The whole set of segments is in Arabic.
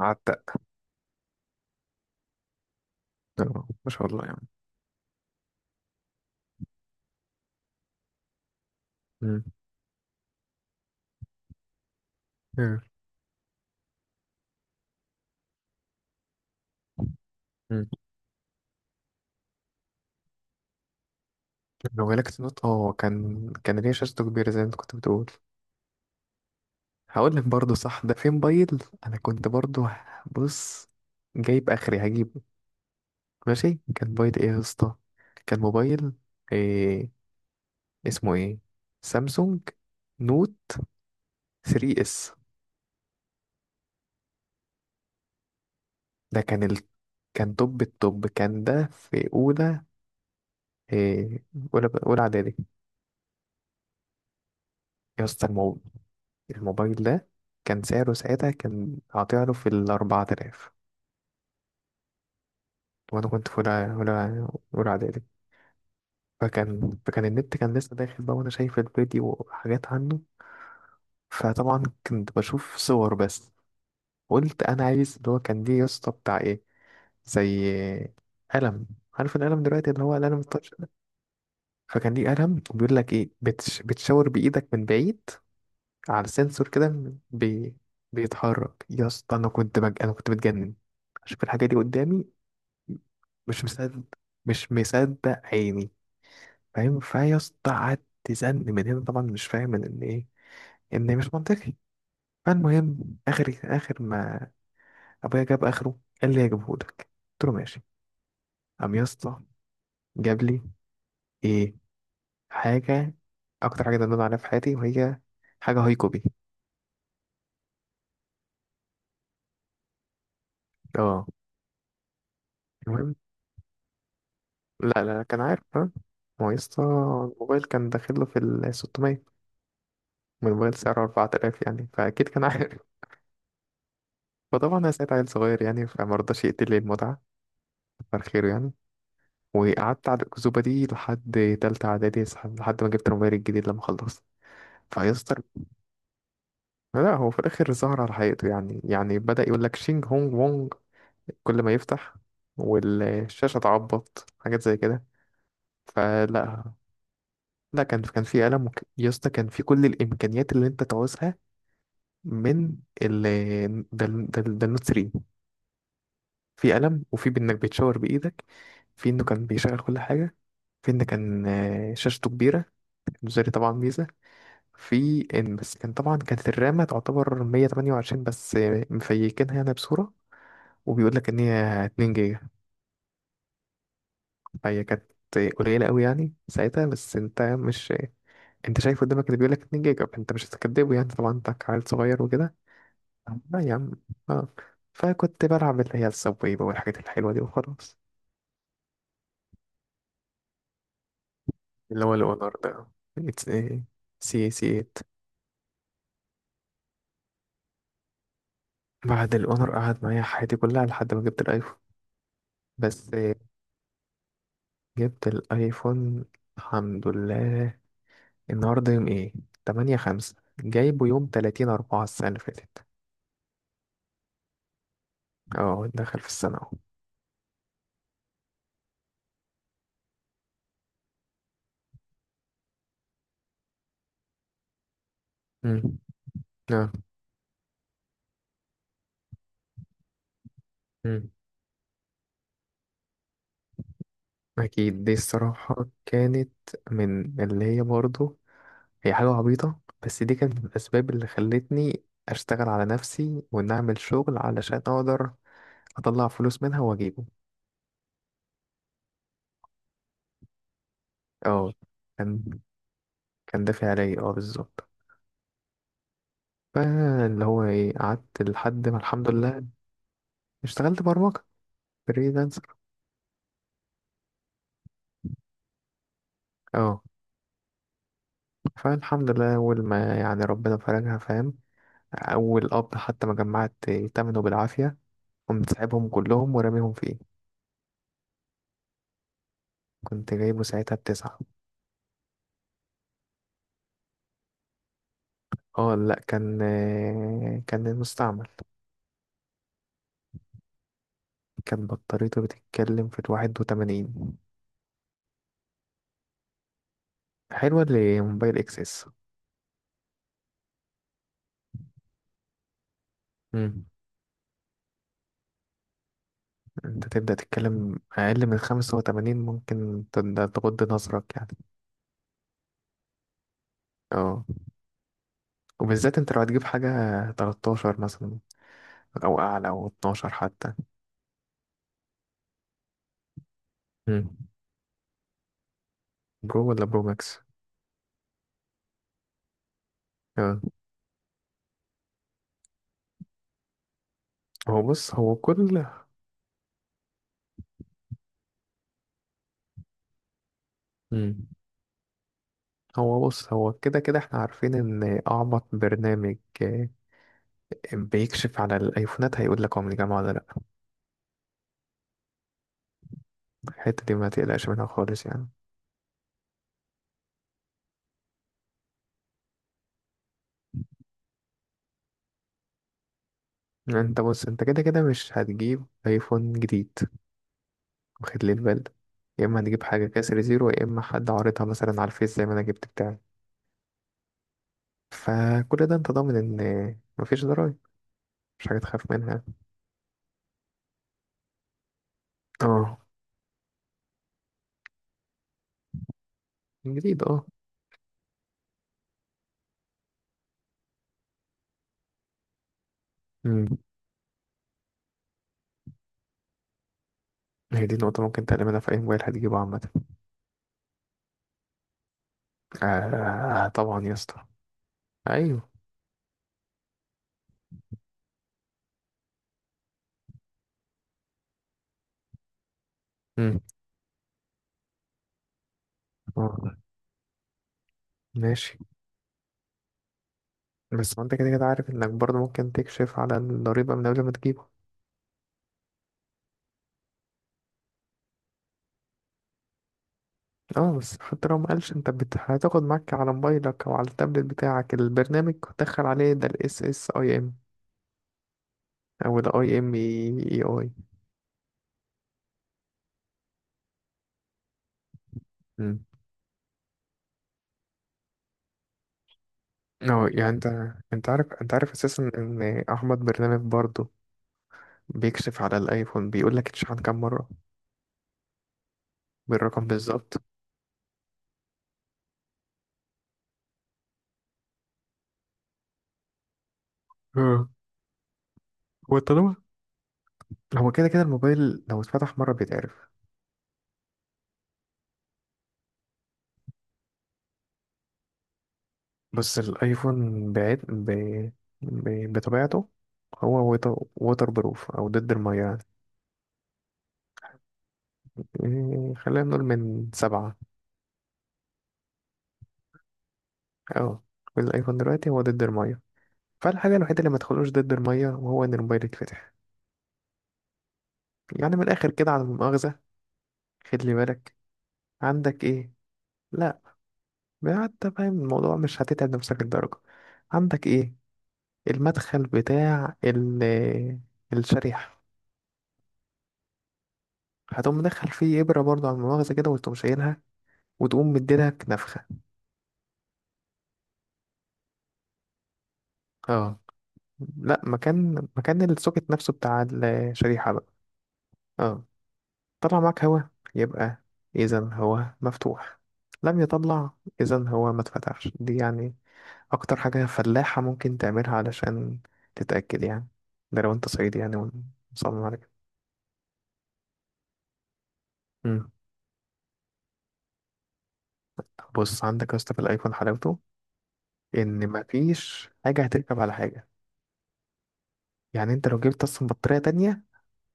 عتق. آه، ما شاء الله يعني. مم. مم. مم. لو جالك نوت كان ليه شاشته كبيرة زي ما انت كنت بتقول. هقول لك برضه صح، ده في موبايل. انا كنت برضه. بص، جايب اخري هجيبه. ماشي، كان موبايل ايه يا اسطى؟ كان موبايل إيه؟ اسمه ايه؟ سامسونج نوت 3 اس. ده كان كان توب التوب، كان ده في اولى. إيه؟ اولى اعدادي. يا اسطى الموبايل ده كان سعره ساعتها، كان هطيعله في الـ 4000. وأنا كنت في أولى إعدادي. فكان النت كان لسه داخل بقى، وأنا شايف الفيديو وحاجات عنه. فطبعا كنت بشوف صور بس. قلت أنا عايز اللي هو كان ليه يا اسطى بتاع إيه، زي قلم. عارف القلم دلوقتي اللي هو القلم التاتش ده. فكان ليه قلم، وبيقول لك إيه، بتشاور بإيدك من بعيد على سنسور كده. بي... بيتحرك يا اسطى. أنا كنت بتجنن أشوف الحاجة دي قدامي. مش مصدق، مش مصدق عيني. فاهم؟ فيا اسطى قعدت تزن من هنا، طبعا مش فاهم من ان ايه، ان مش منطقي. فالمهم اخر ما ابويا جاب اخره، قال لي هجيبه لك، قلت له ماشي. قام يا اسطى جاب لي ايه؟ حاجه، اكتر حاجه ندمان عليها في حياتي، وهي حاجه هايكوبي. اه، المهم. لا، لا، كان عارف، ها. ما هو يا اسطى الموبايل كان داخله في ال 600، والموبايل سعره 4000، يعني فاكيد كان عارف. فطبعا انا ساعة عيل صغير يعني، فما رضاش يقتل لي المتعه، كتر خيره يعني. وقعدت على الأكذوبة دي لحد تالتة إعدادي، لحد ما جبت الموبايل الجديد لما خلصت فيستر. لا، هو في الآخر ظهر على حقيقته، يعني بدأ يقول لك شينج هونج وونج كل ما يفتح، والشاشة تعبط حاجات زي كده. فلا، لا، كان في ألم يا اسطى، كان في كل الإمكانيات اللي أنت تعوزها، من ال ده النوت 3. في قلم، وفي بإنك بتشاور بإيدك، في إنه كان بيشغل كل حاجة، في إن كان شاشته كبيرة، المزاري طبعا ميزة. في إن بس كان طبعا، كانت الرامة تعتبر 128 بس، مفيكينها أنا بصورة، وبيقول لك إن هي 2 جيجا. فهي كانت قليلة أوي يعني ساعتها، بس أنت مش أنت شايف قدامك اللي بيقول لك 2 جيجا، فأنت مش هتكدبه، يعني طبعا أنت عيل صغير وكده. لا يا عم. آه. فكنت بلعب اللي هي السبوي بقى، والحاجات الحلوة دي وخلاص. اللي هو الأونر ده، سي سي 8. بعد الأونر قعد معايا حياتي كلها لحد ما جبت الأيفون. بس. جبت الأيفون، الحمد لله. النهاردة يوم ايه؟ 8/5، جايبه يوم 30/4 السنة اللي فاتت. اه، دخل في السنة اهو. مم. اه. مم. أكيد، دي الصراحة كانت من اللي هي برضه، هي حاجة عبيطة، بس دي كانت من الأسباب اللي خلتني أشتغل على نفسي، وإن أعمل شغل علشان أقدر اطلع فلوس منها واجيبه. اه، كان كان دافع عليا، اه، بالظبط. فاللي هو ايه، قعدت لحد ما الحمد لله اشتغلت برمجة فريلانسر. اه، فالحمد لله اول ما يعني ربنا فرجها، فاهم. اول قبض حتى ما جمعت تمنه بالعافية، قمت سايبهم كلهم وراميهم فيه. كنت جايبه ساعتها بتسعة. اه، لا، كان المستعمل. كان بطاريته بتتكلم في 81. حلوة لموبايل اكسس. انت تبدأ تتكلم اقل من 85، ممكن تغض نظرك يعني. اه. وبالذات انت لو هتجيب حاجة 13 مثلا، او اعلى، او 12 حتى. مم. برو ولا برو ماكس؟ اه. هو بص، هو كل. مم. هو بص، هو كده كده احنا عارفين ان اعمق برنامج اه، بيكشف على الايفونات، هيقول لك هو من الجامعة ولا لا. الحتة دي ما تقلقش منها خالص يعني. انت بص، انت كده كده مش هتجيب ايفون جديد، واخد لي البال ده. يا اما هتجيب حاجه كسر زيرو، يا اما حد عارضها مثلا على الفيس زي ما انا جبت بتاعي. فكل ده انت ضامن ان مفيش ضرايب، مش حاجه تخاف منها. اه. جديد، اه. امم. هي دي نقطه ممكن تعملها في اي موبايل هتجيبه عامه. آه طبعا يا اسطى. ايوه. امم. اه. ماشي. بس ما انت كده كده عارف انك برضه ممكن تكشف على الضريبه من قبل ما تجيبه. اه. بس حتى لو مقالش، انت هتاخد معاك على موبايلك او على التابلت بتاعك البرنامج، وتدخل عليه، ده الاس اس اي ام او ال اي ام اي اي. امم. اه يعني، انت عارف اساسا ان احمد برنامج برضه بيكشف على الايفون، بيقول لك اتشحن كام مره، بالرقم بالظبط. اه. هو طالما، هو كده كده الموبايل لو اتفتح مره بيتعرف. بس الايفون بعيد بطبيعته. هو ووتر بروف، او ضد الميه يعني. إيه، خلينا نقول من سبعة. اه. والايفون دلوقتي هو ضد الميه، فالحاجه الوحيده اللي ما تدخلوش ضد الميه وهو ان الموبايل يتفتح. يعني من الآخر كده على المؤاخذة، خلي بالك. عندك إيه؟ لا، حتى فاهم الموضوع مش هتتعب نفسك الدرجة. عندك إيه؟ المدخل بتاع الشريحة. هتقوم مدخل فيه إبرة برضه على المؤاخذة كده، وتقوم شايلها، وتقوم مديلك نفخة. اه. لا، مكان السوكت نفسه بتاع الشريحة بقى. اه. طلع معاك هوا، يبقى إذا هو مفتوح. لم يطلع، إذا هو ما اتفتحش. دي يعني اكتر حاجة فلاحة ممكن تعملها علشان تتأكد يعني. ده لو انت صعيدي يعني ومصمم على كده. مم. طب بص، عندك يا اسطى في الايفون حلاوته ان مفيش حاجة هتركب على حاجة. يعني انت لو جبت اصلا بطارية تانية،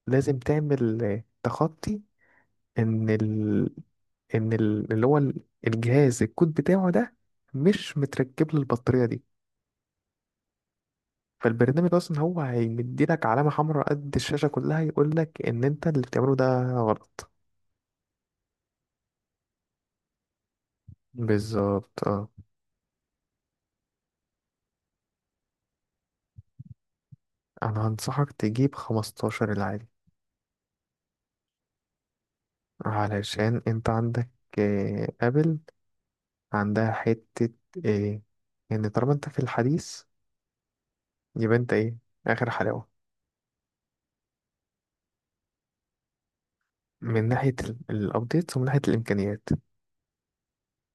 لازم تعمل تخطي ان ال... ان ال... اللي هو ال- الجهاز، الكود بتاعه ده مش متركب للبطارية دي. فالبرنامج اصلا هو هيمديلك علامة حمراء قد الشاشة كلها، يقولك ان انت اللي بتعمله ده غلط. بالظبط، اه. انا هنصحك تجيب 15 العادي، علشان انت عندك ابل عندها حتة ايه، ان طالما انت في الحديث يبقى انت ايه، اخر حلاوة. من ناحية الابديت، ومن ناحية الامكانيات.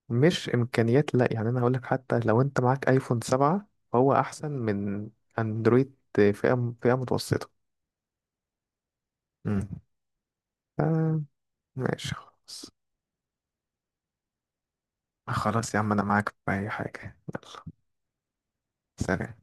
مش امكانيات لا يعني، انا هقولك حتى لو انت معاك ايفون 7 فهو احسن من اندرويد فئة متوسطة. امم. آه، ماشي خلاص. خلاص يا عم، انا معاك في اي حاجة، يلا. سلام.